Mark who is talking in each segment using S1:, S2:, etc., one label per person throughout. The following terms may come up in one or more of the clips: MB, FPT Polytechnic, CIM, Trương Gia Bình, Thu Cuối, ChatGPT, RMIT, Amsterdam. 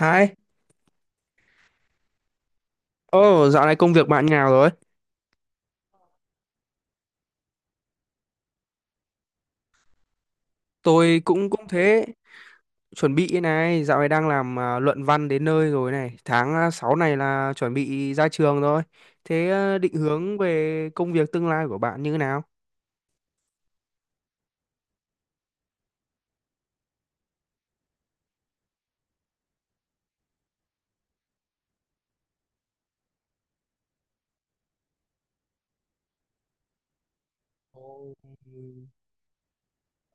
S1: Hai, ồ dạo này công việc bạn như nào rồi? Tôi cũng cũng thế, chuẩn bị này, dạo này đang làm luận văn đến nơi rồi này, tháng sáu này là chuẩn bị ra trường rồi. Thế à, định hướng về công việc tương lai của bạn như thế nào? Ồ,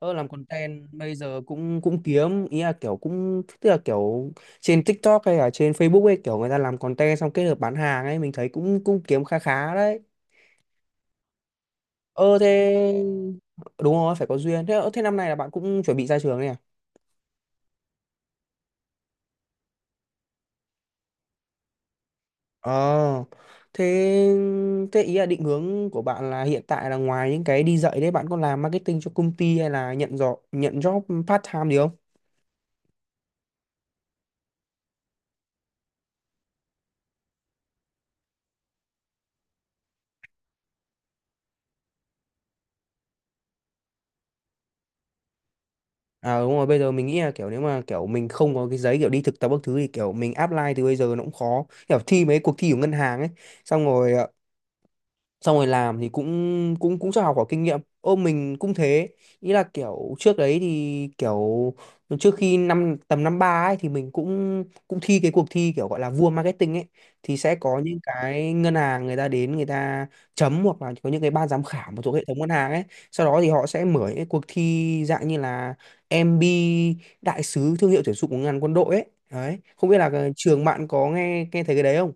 S1: ờ làm content bây giờ cũng cũng kiếm ý là kiểu cũng tức là kiểu trên TikTok hay là trên Facebook ấy, kiểu người ta làm content xong kết hợp bán hàng ấy, mình thấy cũng cũng kiếm khá khá đấy. Ờ thế đúng rồi, phải có duyên. Thế thế năm nay là bạn cũng chuẩn bị ra trường này à? Ờ. Thế thế ý là định hướng của bạn là hiện tại là ngoài những cái đi dạy đấy, bạn có làm marketing cho công ty hay là nhận job part time gì không? À đúng rồi, bây giờ mình nghĩ là kiểu nếu mà kiểu mình không có cái giấy kiểu đi thực tập các thứ thì kiểu mình apply từ bây giờ nó cũng khó. Kiểu thi mấy cuộc thi của ngân hàng ấy, xong rồi xong rồi làm thì cũng cũng cũng cho học hỏi kinh nghiệm. Ô mình cũng thế, ý là kiểu trước đấy thì kiểu trước khi năm tầm năm ba ấy thì mình cũng cũng thi cái cuộc thi kiểu gọi là vua marketing ấy, thì sẽ có những cái ngân hàng người ta đến người ta chấm, hoặc là có những cái ban giám khảo mà thuộc hệ thống ngân hàng ấy, sau đó thì họ sẽ mở những cái cuộc thi dạng như là MB đại sứ thương hiệu tuyển dụng của ngân hàng quân đội ấy. Đấy, không biết là cái trường bạn có nghe nghe thấy cái đấy không?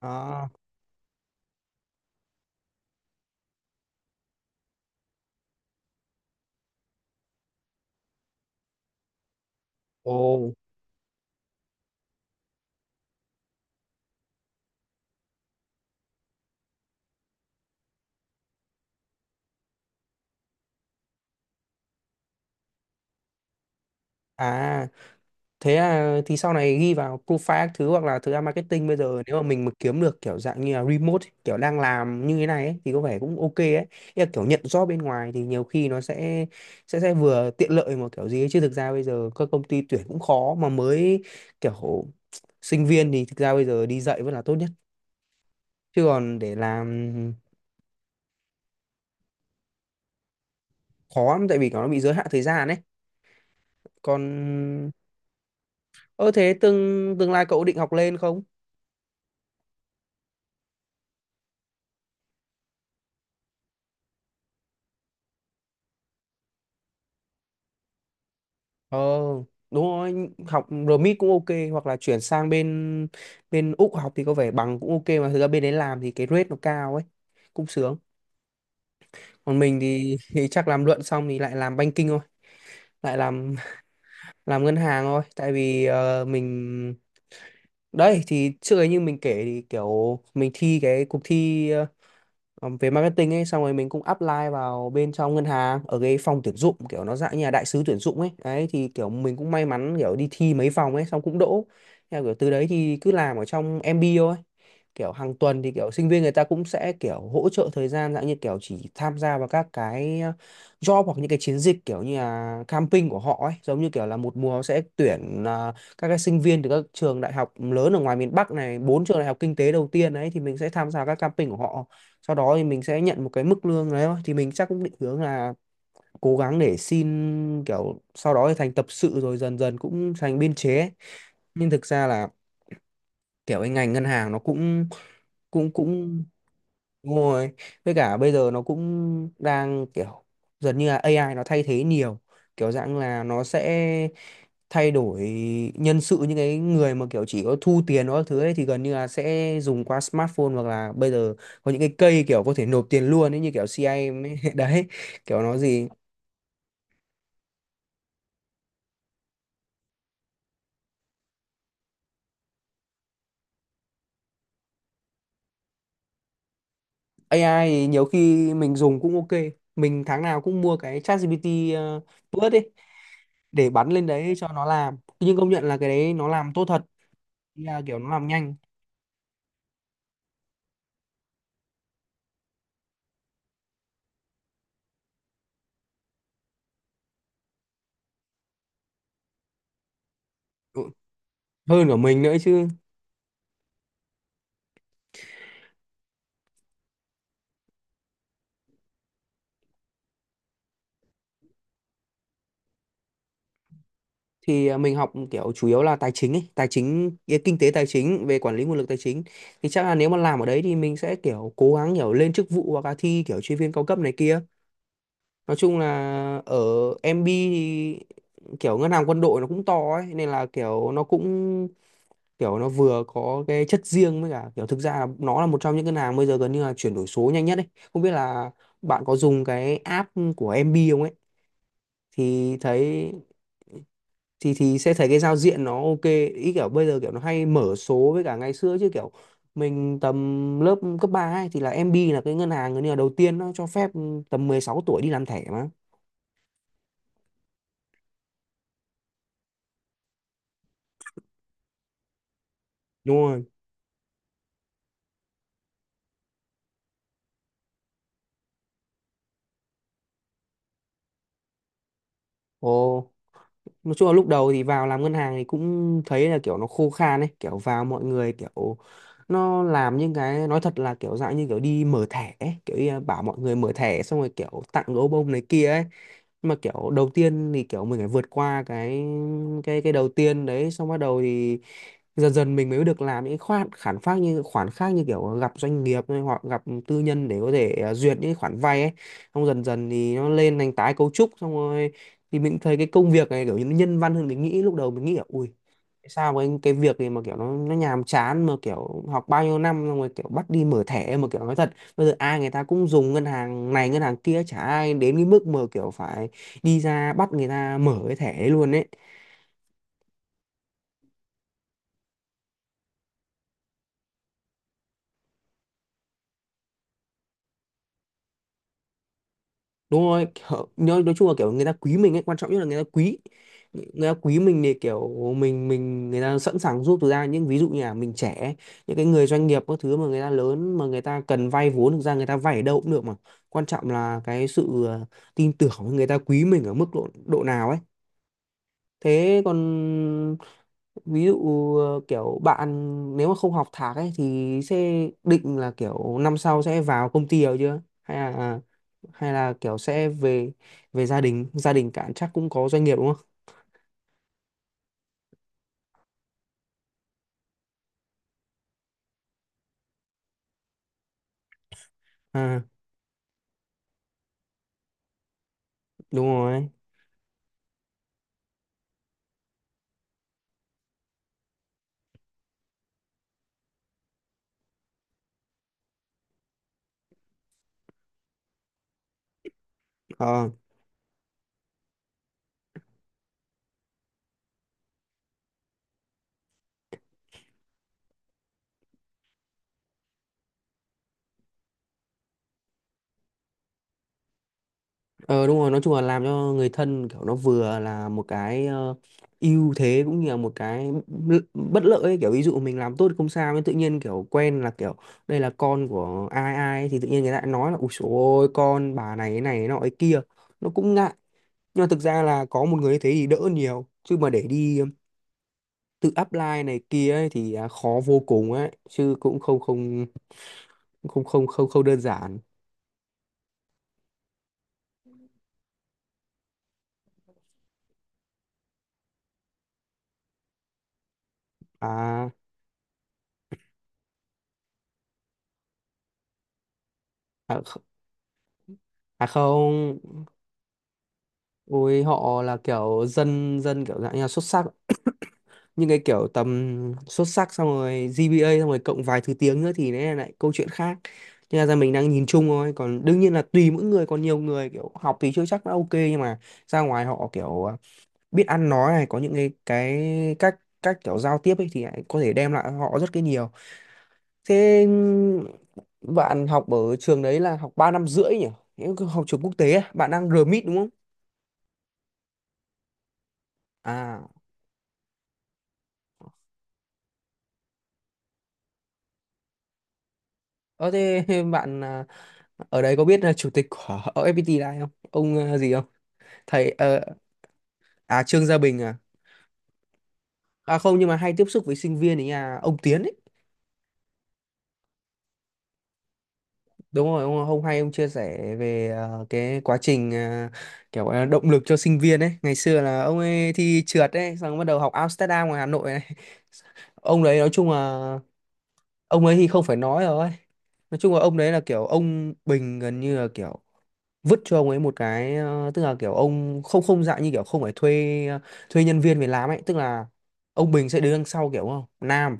S1: À, ồ à, thế là thì sau này ghi vào profile các thứ, hoặc là thực ra marketing bây giờ nếu mà mình mà kiếm được kiểu dạng như là remote ấy, kiểu đang làm như thế này ấy, thì có vẻ cũng ok ấy. Ý là kiểu nhận job bên ngoài thì nhiều khi nó sẽ sẽ vừa tiện lợi mà kiểu gì ấy. Chứ thực ra bây giờ các công ty tuyển cũng khó, mà mới kiểu sinh viên thì thực ra bây giờ đi dạy vẫn là tốt nhất, chứ còn để làm khó lắm tại vì nó bị giới hạn thời gian ấy. Còn ơ thế tương tương lai cậu định học lên không? Ờ, đúng rồi, học RMIT cũng ok, hoặc là chuyển sang bên bên Úc học thì có vẻ bằng cũng ok, mà thực ra bên đấy làm thì cái rate nó cao ấy, cũng sướng. Còn mình thì, thì chắc làm luận xong thì lại làm banking thôi, lại làm làm ngân hàng thôi, tại vì mình đấy thì trước ấy như mình kể thì kiểu mình thi cái cuộc thi ờ, về marketing ấy, xong rồi mình cũng apply vào bên trong ngân hàng ở cái phòng tuyển dụng kiểu nó dạng như là đại sứ tuyển dụng ấy. Đấy thì kiểu mình cũng may mắn, kiểu đi thi mấy vòng ấy xong cũng đỗ, theo kiểu từ đấy thì cứ làm ở trong MB thôi. Kiểu hàng tuần thì kiểu sinh viên người ta cũng sẽ kiểu hỗ trợ thời gian dạng như kiểu chỉ tham gia vào các cái job hoặc những cái chiến dịch kiểu như là camping của họ ấy, giống như kiểu là một mùa sẽ tuyển các cái sinh viên từ các trường đại học lớn ở ngoài miền Bắc này, bốn trường đại học kinh tế đầu tiên ấy thì mình sẽ tham gia các camping của họ, sau đó thì mình sẽ nhận một cái mức lương đấy thôi. Thì mình chắc cũng định hướng là cố gắng để xin kiểu sau đó thì thành tập sự rồi dần dần cũng thành biên chế ấy. Nhưng thực ra là kiểu cái ngành ngân hàng nó cũng cũng cũng đúng rồi. Với cả bây giờ nó cũng đang kiểu dần như là AI nó thay thế nhiều. Kiểu dạng là nó sẽ thay đổi nhân sự những cái người mà kiểu chỉ có thu tiền đó thứ ấy, thì gần như là sẽ dùng qua smartphone, hoặc là bây giờ có những cái cây kiểu có thể nộp tiền luôn ấy, như kiểu CIM ấy. Đấy, kiểu nó gì AI thì nhiều khi mình dùng cũng ok. Mình tháng nào cũng mua cái ChatGPT uh, Plus ấy, để bắn lên đấy cho nó làm. Nhưng công nhận là cái đấy nó làm tốt thật, là kiểu nó làm nhanh. Ừ, hơn của mình nữa chứ. Thì mình học kiểu chủ yếu là tài chính ấy, tài chính kinh tế tài chính về quản lý nguồn lực tài chính, thì chắc là nếu mà làm ở đấy thì mình sẽ kiểu cố gắng kiểu lên chức vụ hoặc là thi kiểu chuyên viên cao cấp này kia. Nói chung là ở MB thì kiểu ngân hàng quân đội nó cũng to ấy, nên là kiểu nó cũng kiểu nó vừa có cái chất riêng, với cả kiểu thực ra là nó là một trong những ngân hàng bây giờ gần như là chuyển đổi số nhanh nhất ấy. Không biết là bạn có dùng cái app của MB không ấy thì thấy, thì sẽ thấy cái giao diện nó ok. Ý kiểu bây giờ kiểu nó hay mở số, với cả ngày xưa chứ kiểu mình tầm lớp cấp 3 ấy, thì là MB là cái ngân hàng gần như là đầu tiên nó cho phép tầm 16 tuổi đi làm thẻ mà. Đúng rồi, ồ nói chung là lúc đầu thì vào làm ngân hàng thì cũng thấy là kiểu nó khô khan ấy, kiểu vào mọi người kiểu nó làm những cái, nói thật là kiểu dạng như kiểu đi mở thẻ ấy. Kiểu như là bảo mọi người mở thẻ xong rồi kiểu tặng gấu bông này kia ấy. Nhưng mà kiểu đầu tiên thì kiểu mình phải vượt qua cái cái đầu tiên đấy, xong bắt đầu thì dần dần mình mới được làm những khoản khoản khác, như khoản khác như kiểu gặp doanh nghiệp hay hoặc gặp tư nhân để có thể duyệt những khoản vay ấy, xong dần dần thì nó lên thành tái cấu trúc xong rồi. Thì mình thấy cái công việc này kiểu như nó nhân văn hơn mình nghĩ, lúc đầu mình nghĩ là ui sao mà cái việc này mà kiểu nó nhàm chán, mà kiểu học bao nhiêu năm xong rồi kiểu bắt đi mở thẻ. Mà kiểu nói thật bây giờ ai người ta cũng dùng ngân hàng này ngân hàng kia, chả ai đến cái mức mà kiểu phải đi ra bắt người ta mở cái thẻ ấy luôn ấy. Đúng rồi kiểu, nói chung là kiểu người ta quý mình ấy, quan trọng nhất là người ta quý, người ta quý mình thì kiểu mình người ta sẵn sàng giúp ra, những ví dụ như là mình trẻ, những cái người doanh nghiệp các thứ mà người ta lớn mà người ta cần vay vốn, thực ra người ta vay ở đâu cũng được mà, quan trọng là cái sự tin tưởng người ta quý mình ở mức độ độ nào ấy. Thế còn ví dụ kiểu bạn nếu mà không học thạc ấy thì sẽ định là kiểu năm sau sẽ vào công ty rồi chưa, hay là hay là kiểu sẽ về về gia đình cản chắc cũng có doanh nghiệp đúng không? À đúng rồi, ờ. Ờ đúng rồi, nói chung là làm cho người thân kiểu nó vừa là một cái ưu thế, cũng như là một cái bất lợi ấy. Kiểu ví dụ mình làm tốt không sao nhưng tự nhiên kiểu quen là kiểu đây là con của ai ai ấy, thì tự nhiên người ta lại nói là ui dồi ôi con bà này cái nọ cái kia nó cũng ngại. Nhưng mà thực ra là có một người như thế thì đỡ nhiều chứ mà để đi tự apply này kia ấy, thì khó vô cùng ấy chứ cũng không không không không không không đơn giản. à à, kh- À không. Ôi họ là kiểu dân dân kiểu dạng như là xuất sắc nhưng cái kiểu tầm xuất sắc xong rồi GPA xong rồi cộng vài thứ tiếng nữa thì đấy là lại câu chuyện khác. Thế là ra mình đang nhìn chung thôi, còn đương nhiên là tùy mỗi người, còn nhiều người kiểu học thì chưa chắc đã ok nhưng mà ra ngoài họ kiểu biết ăn nói này, có những cái cách cách kiểu giao tiếp ấy thì lại có thể đem lại họ rất cái nhiều. Thế bạn học ở trường đấy là học 3 năm rưỡi nhỉ? Nếu học trường quốc tế à? Bạn đang RMIT đúng không à? Ờ thế bạn ở đấy có biết là chủ tịch của FPT là ai không? Ông gì không? Thầy à, Trương Gia Bình à? À không, nhưng mà hay tiếp xúc với sinh viên ấy à, ông Tiến ấy. Đúng rồi, ông hay ông chia sẻ về cái quá trình kiểu động lực cho sinh viên ấy. Ngày xưa là ông ấy thi trượt ấy, xong bắt đầu học Amsterdam ngoài Hà Nội này. Ông đấy nói chung là, ông ấy thì không phải nói rồi. Nói chung là ông đấy là kiểu, ông Bình gần như là kiểu vứt cho ông ấy một cái tức là kiểu ông không không dạng như kiểu không phải thuê thuê nhân viên về làm ấy, tức là ông Bình sẽ đứng đằng sau kiểu, không Nam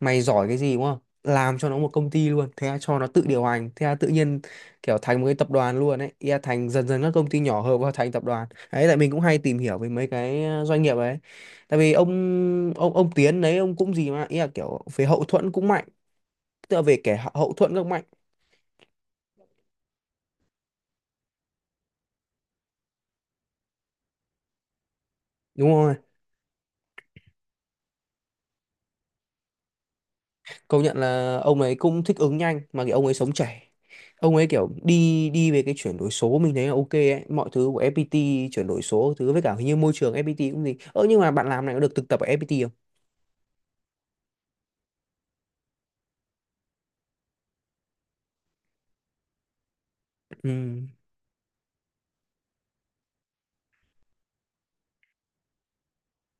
S1: mày giỏi cái gì đúng không, làm cho nó một công ty luôn, thế là cho nó tự điều hành, thế là tự nhiên kiểu thành một cái tập đoàn luôn ấy. Ý là thành dần dần các công ty nhỏ hợp vào thành tập đoàn đấy, tại mình cũng hay tìm hiểu về mấy cái doanh nghiệp ấy. Tại vì ông ông Tiến đấy, ông cũng gì mà ý là kiểu về hậu thuẫn cũng mạnh, tức là về kẻ hậu thuẫn cũng mạnh. Đúng rồi, công nhận là ông ấy cũng thích ứng nhanh mà, cái ông ấy sống trẻ. Ông ấy kiểu đi đi về cái chuyển đổi số, mình thấy là ok ấy, mọi thứ của FPT chuyển đổi số thứ, với cả hình như môi trường FPT cũng gì ơ. Nhưng mà bạn làm này có được thực tập ở FPT không? Ừ.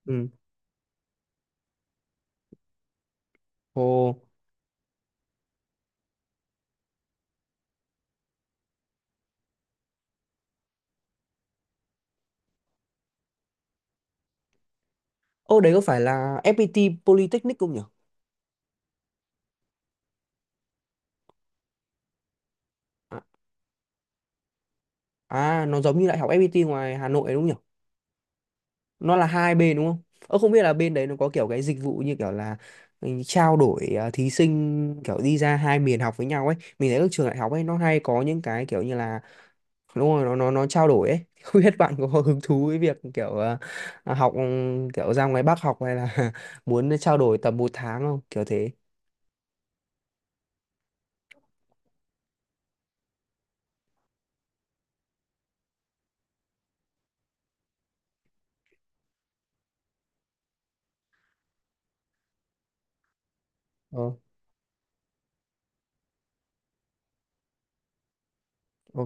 S1: Ừ. Ồ. Ô, đấy có phải là FPT Polytechnic không nhỉ? à, nó giống như đại học FPT ngoài Hà Nội ấy đúng nhỉ? Nó là hai bên đúng không? Ơ, không biết là bên đấy nó có kiểu cái dịch vụ như kiểu là trao đổi thí sinh kiểu đi ra hai miền học với nhau ấy. Mình thấy các trường đại học ấy nó hay có những cái kiểu như là, đúng rồi, nó nó trao đổi ấy. Không biết bạn có hứng thú với việc kiểu học kiểu ra ngoài Bắc học hay là muốn trao đổi tầm một tháng không? Kiểu thế. Ồ, ồ,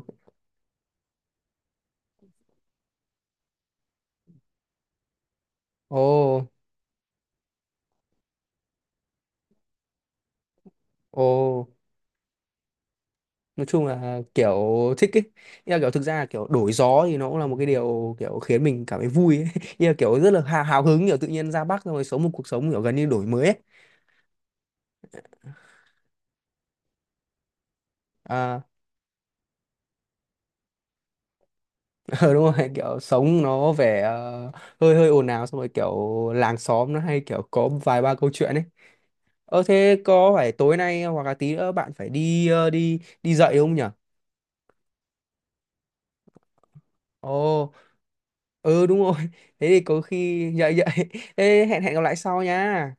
S1: ồ, ồ. Nói chung là kiểu thích ấy. Ý là kiểu thực ra là kiểu đổi gió thì nó cũng là một cái điều kiểu khiến mình cảm thấy vui ấy. Ý là kiểu rất là hào hứng, kiểu tự nhiên ra Bắc xong rồi sống một cuộc sống kiểu gần như đổi mới ấy. À, ờ, đúng rồi, kiểu sống nó vẻ hơi hơi ồn ào, xong rồi kiểu làng xóm nó hay kiểu có vài ba câu chuyện ấy. Ờ thế có phải tối nay hoặc là tí nữa bạn phải đi đi đi dạy không nhỉ? Ồ. Ừ, đúng rồi. Thế thì có khi dậy dậy thế hẹn hẹn gặp lại sau nha.